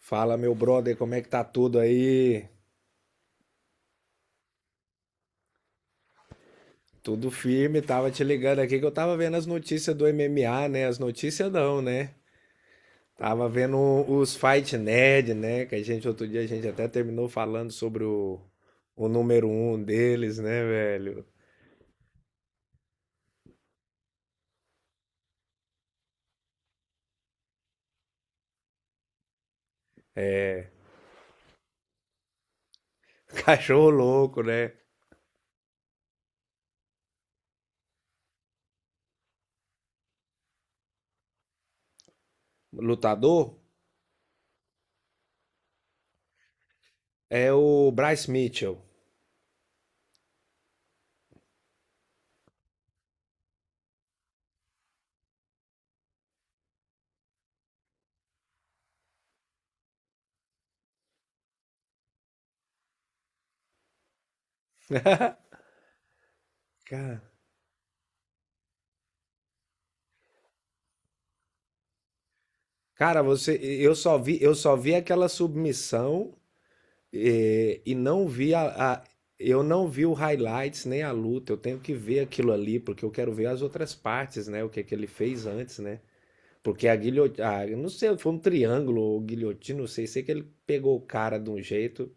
Fala, meu brother, como é que tá tudo aí? Tudo firme, tava te ligando aqui que eu tava vendo as notícias do MMA, né? As notícias não, né? Tava vendo os Fight Nerd, né? Que a gente, outro dia, a gente até terminou falando sobre o número um deles, né, velho? Cachorro louco, né? Lutador é o Bryce Mitchell. Cara, cara, você, eu só vi aquela submissão. É, e não vi a, eu não vi o highlights nem a luta. Eu tenho que ver aquilo ali porque eu quero ver as outras partes, né? O que é que ele fez antes, né? Porque a guilhotina, não sei, foi um triângulo ou guilhotina, não sei, sei que ele pegou o cara de um jeito.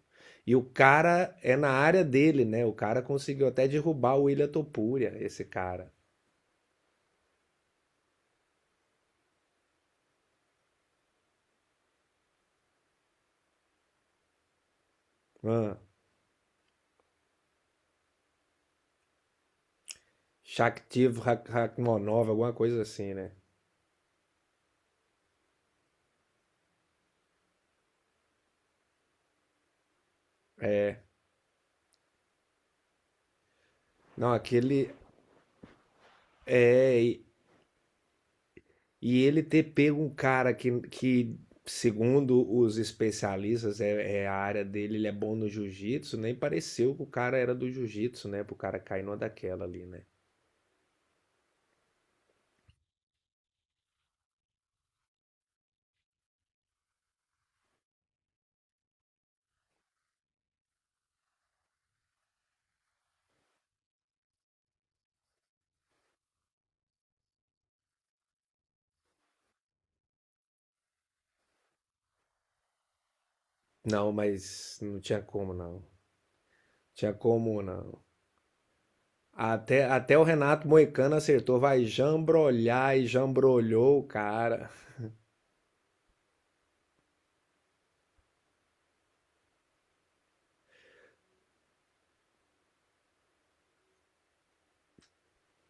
E o cara é na área dele, né? O cara conseguiu até derrubar o William Topuria, esse cara. Ah, Shaktiv Hakmonov, alguma coisa assim, né? Não, aquele é. E ele ter pego um cara que segundo os especialistas, é, é a área dele, ele é bom no jiu-jitsu, nem pareceu que o cara era do jiu-jitsu, né? Pro cara cair numa daquela ali, né? Não, mas não tinha como, não. Tinha como, não. Até o Renato Moicano acertou, vai jambrolhar e jambrolhou o cara.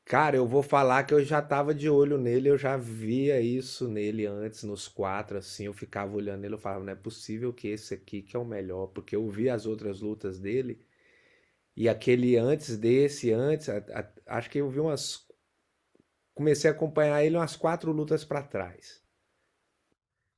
Cara, eu vou falar que eu já tava de olho nele, eu já via isso nele antes, nos quatro, assim, eu ficava olhando ele, eu falava, não é possível que esse aqui que é o melhor, porque eu vi as outras lutas dele, e aquele antes desse, antes, acho que eu vi umas, comecei a acompanhar ele umas quatro lutas para trás.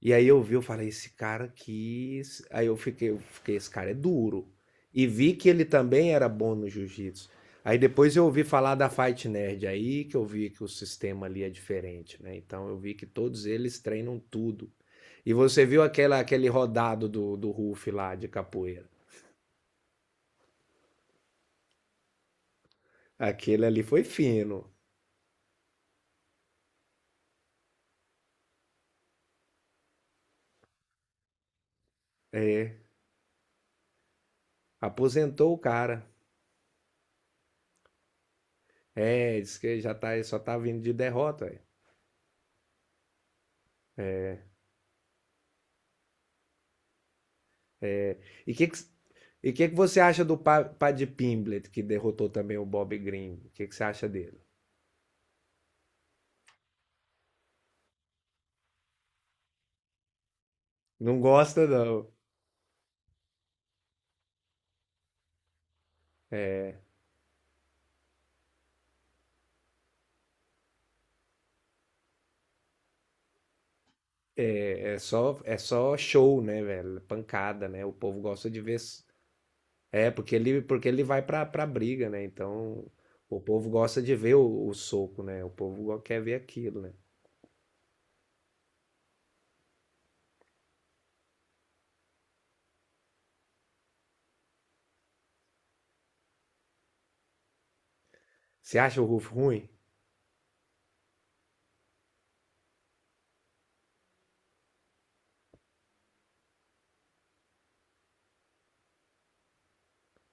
E aí eu vi, eu falei, esse cara aqui. Aí eu fiquei, esse cara é duro. E vi que ele também era bom no jiu-jitsu. Aí depois eu ouvi falar da Fight Nerd, aí que eu vi que o sistema ali é diferente, né? Então eu vi que todos eles treinam tudo. E você viu aquela, aquele rodado do Ruf lá de capoeira. Aquele ali foi fino. Aposentou o cara. É, disse que já tá, só tá vindo de derrota. É. E o que, e que, que você acha do Paddy Pimblet, que derrotou também o Bob Green? O que, que você acha dele? Não gosta, não. É, é só show, né, velho? É Pancada, né? O povo gosta de ver. É, porque ele vai pra briga, né? Então, o povo gosta de ver o soco, né? O povo quer ver aquilo, né? Você acha o Ruff ruim?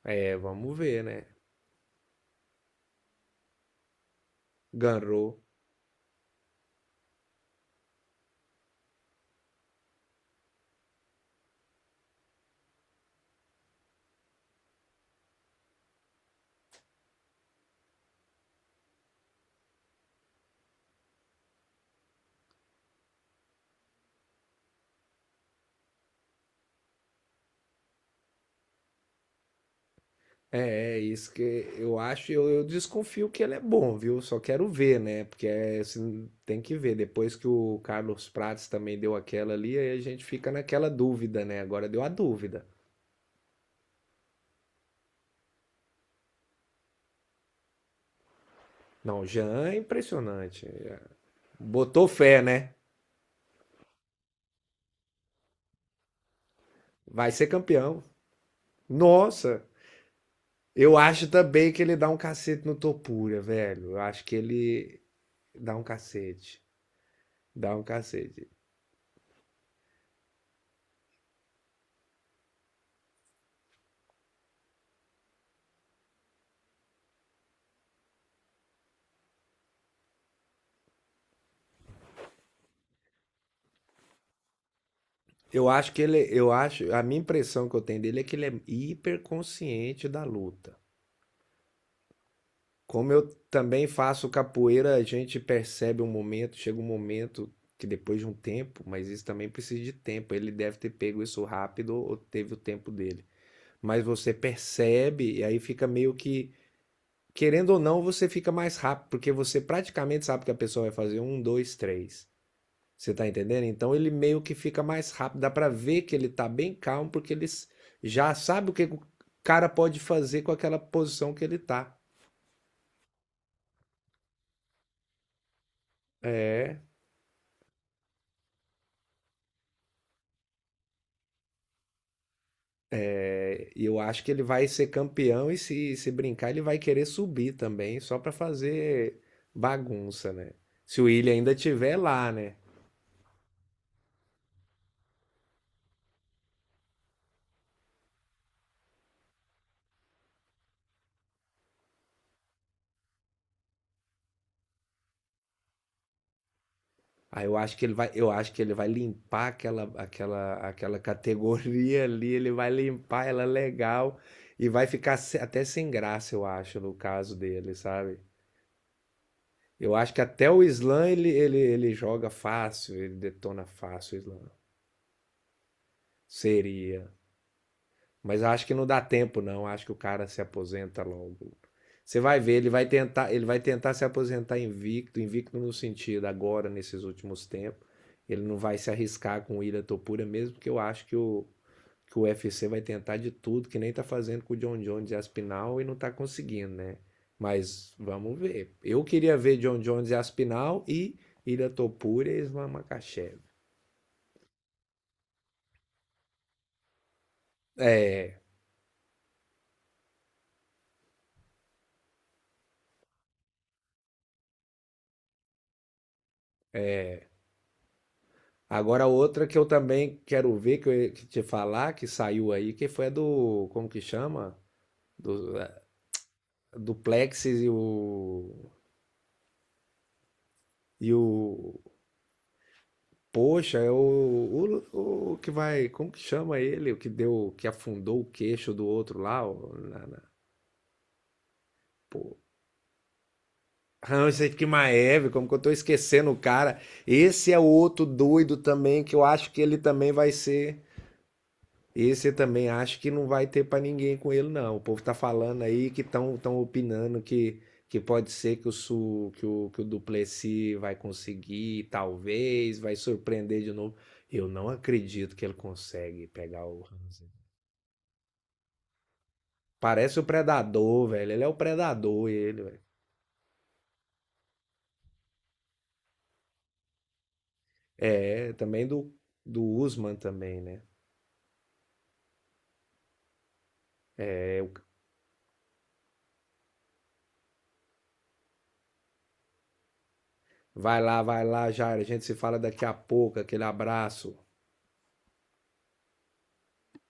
É, vamos ver, né? Ganrou. É, é isso que eu acho. Eu desconfio que ele é bom, viu? Só quero ver, né? Porque é, assim, tem que ver. Depois que o Carlos Prates também deu aquela ali, aí a gente fica naquela dúvida, né? Agora deu a dúvida. Não, Jean é impressionante. Botou fé, né? Vai ser campeão. Nossa! Eu acho também que ele dá um cacete no Topuria velho. Eu acho que ele dá um cacete. Dá um cacete. Eu acho que ele, eu acho, a minha impressão que eu tenho dele é que ele é hiperconsciente da luta. Como eu também faço capoeira, a gente percebe um momento, chega um momento que depois de um tempo, mas isso também precisa de tempo. Ele deve ter pego isso rápido ou teve o tempo dele. Mas você percebe e aí fica meio que querendo ou não, você fica mais rápido, porque você praticamente sabe que a pessoa vai fazer um, dois, três. Você tá entendendo? Então ele meio que fica mais rápido, dá pra ver que ele tá bem calmo, porque já sabe o que o cara pode fazer com aquela posição que ele tá. É, é, e eu acho que ele vai ser campeão e se brincar, ele vai querer subir também, só pra fazer bagunça, né? Se o Willian ainda tiver lá, né? Aí eu acho que ele vai, eu acho que ele vai limpar aquela categoria ali, ele vai limpar ela legal e vai ficar até sem graça, eu acho, no caso dele, sabe? Eu acho que até o Slam ele joga fácil, ele detona fácil o Slam. Seria. Mas acho que não dá tempo, não. Acho que o cara se aposenta logo. Você vai ver, ele vai tentar se aposentar invicto, invicto no sentido agora nesses últimos tempos. Ele não vai se arriscar com o Ira Topura mesmo, porque eu acho que o U F C vai tentar de tudo, que nem tá fazendo com o John Jones e Aspinal e não tá conseguindo, né? Mas vamos ver. Eu queria ver John Jones e Aspinal e Ira Topura e Islam Makachev. É, agora outra que eu também quero ver, que eu ia te falar, que saiu aí, que foi a do, como que chama? Do, do Plexis e o, poxa, é o que vai, como que chama ele? O que deu, que afundou o queixo do outro lá, na, pô. Ah, esse aí que Maeve, como que eu tô esquecendo o cara? Esse é o outro doido também, que eu acho que ele também vai ser. Esse eu também acho que não vai ter para ninguém com ele, não. O povo tá falando aí que estão tão opinando que pode ser que que o Duplessis vai conseguir, talvez, vai surpreender de novo. Eu não acredito que ele consegue pegar o. Parece o Predador, velho. Ele é o Predador, ele, velho. É, também do, do Usman também, né? É, o- vai lá, Jair. A gente se fala daqui a pouco. Aquele abraço.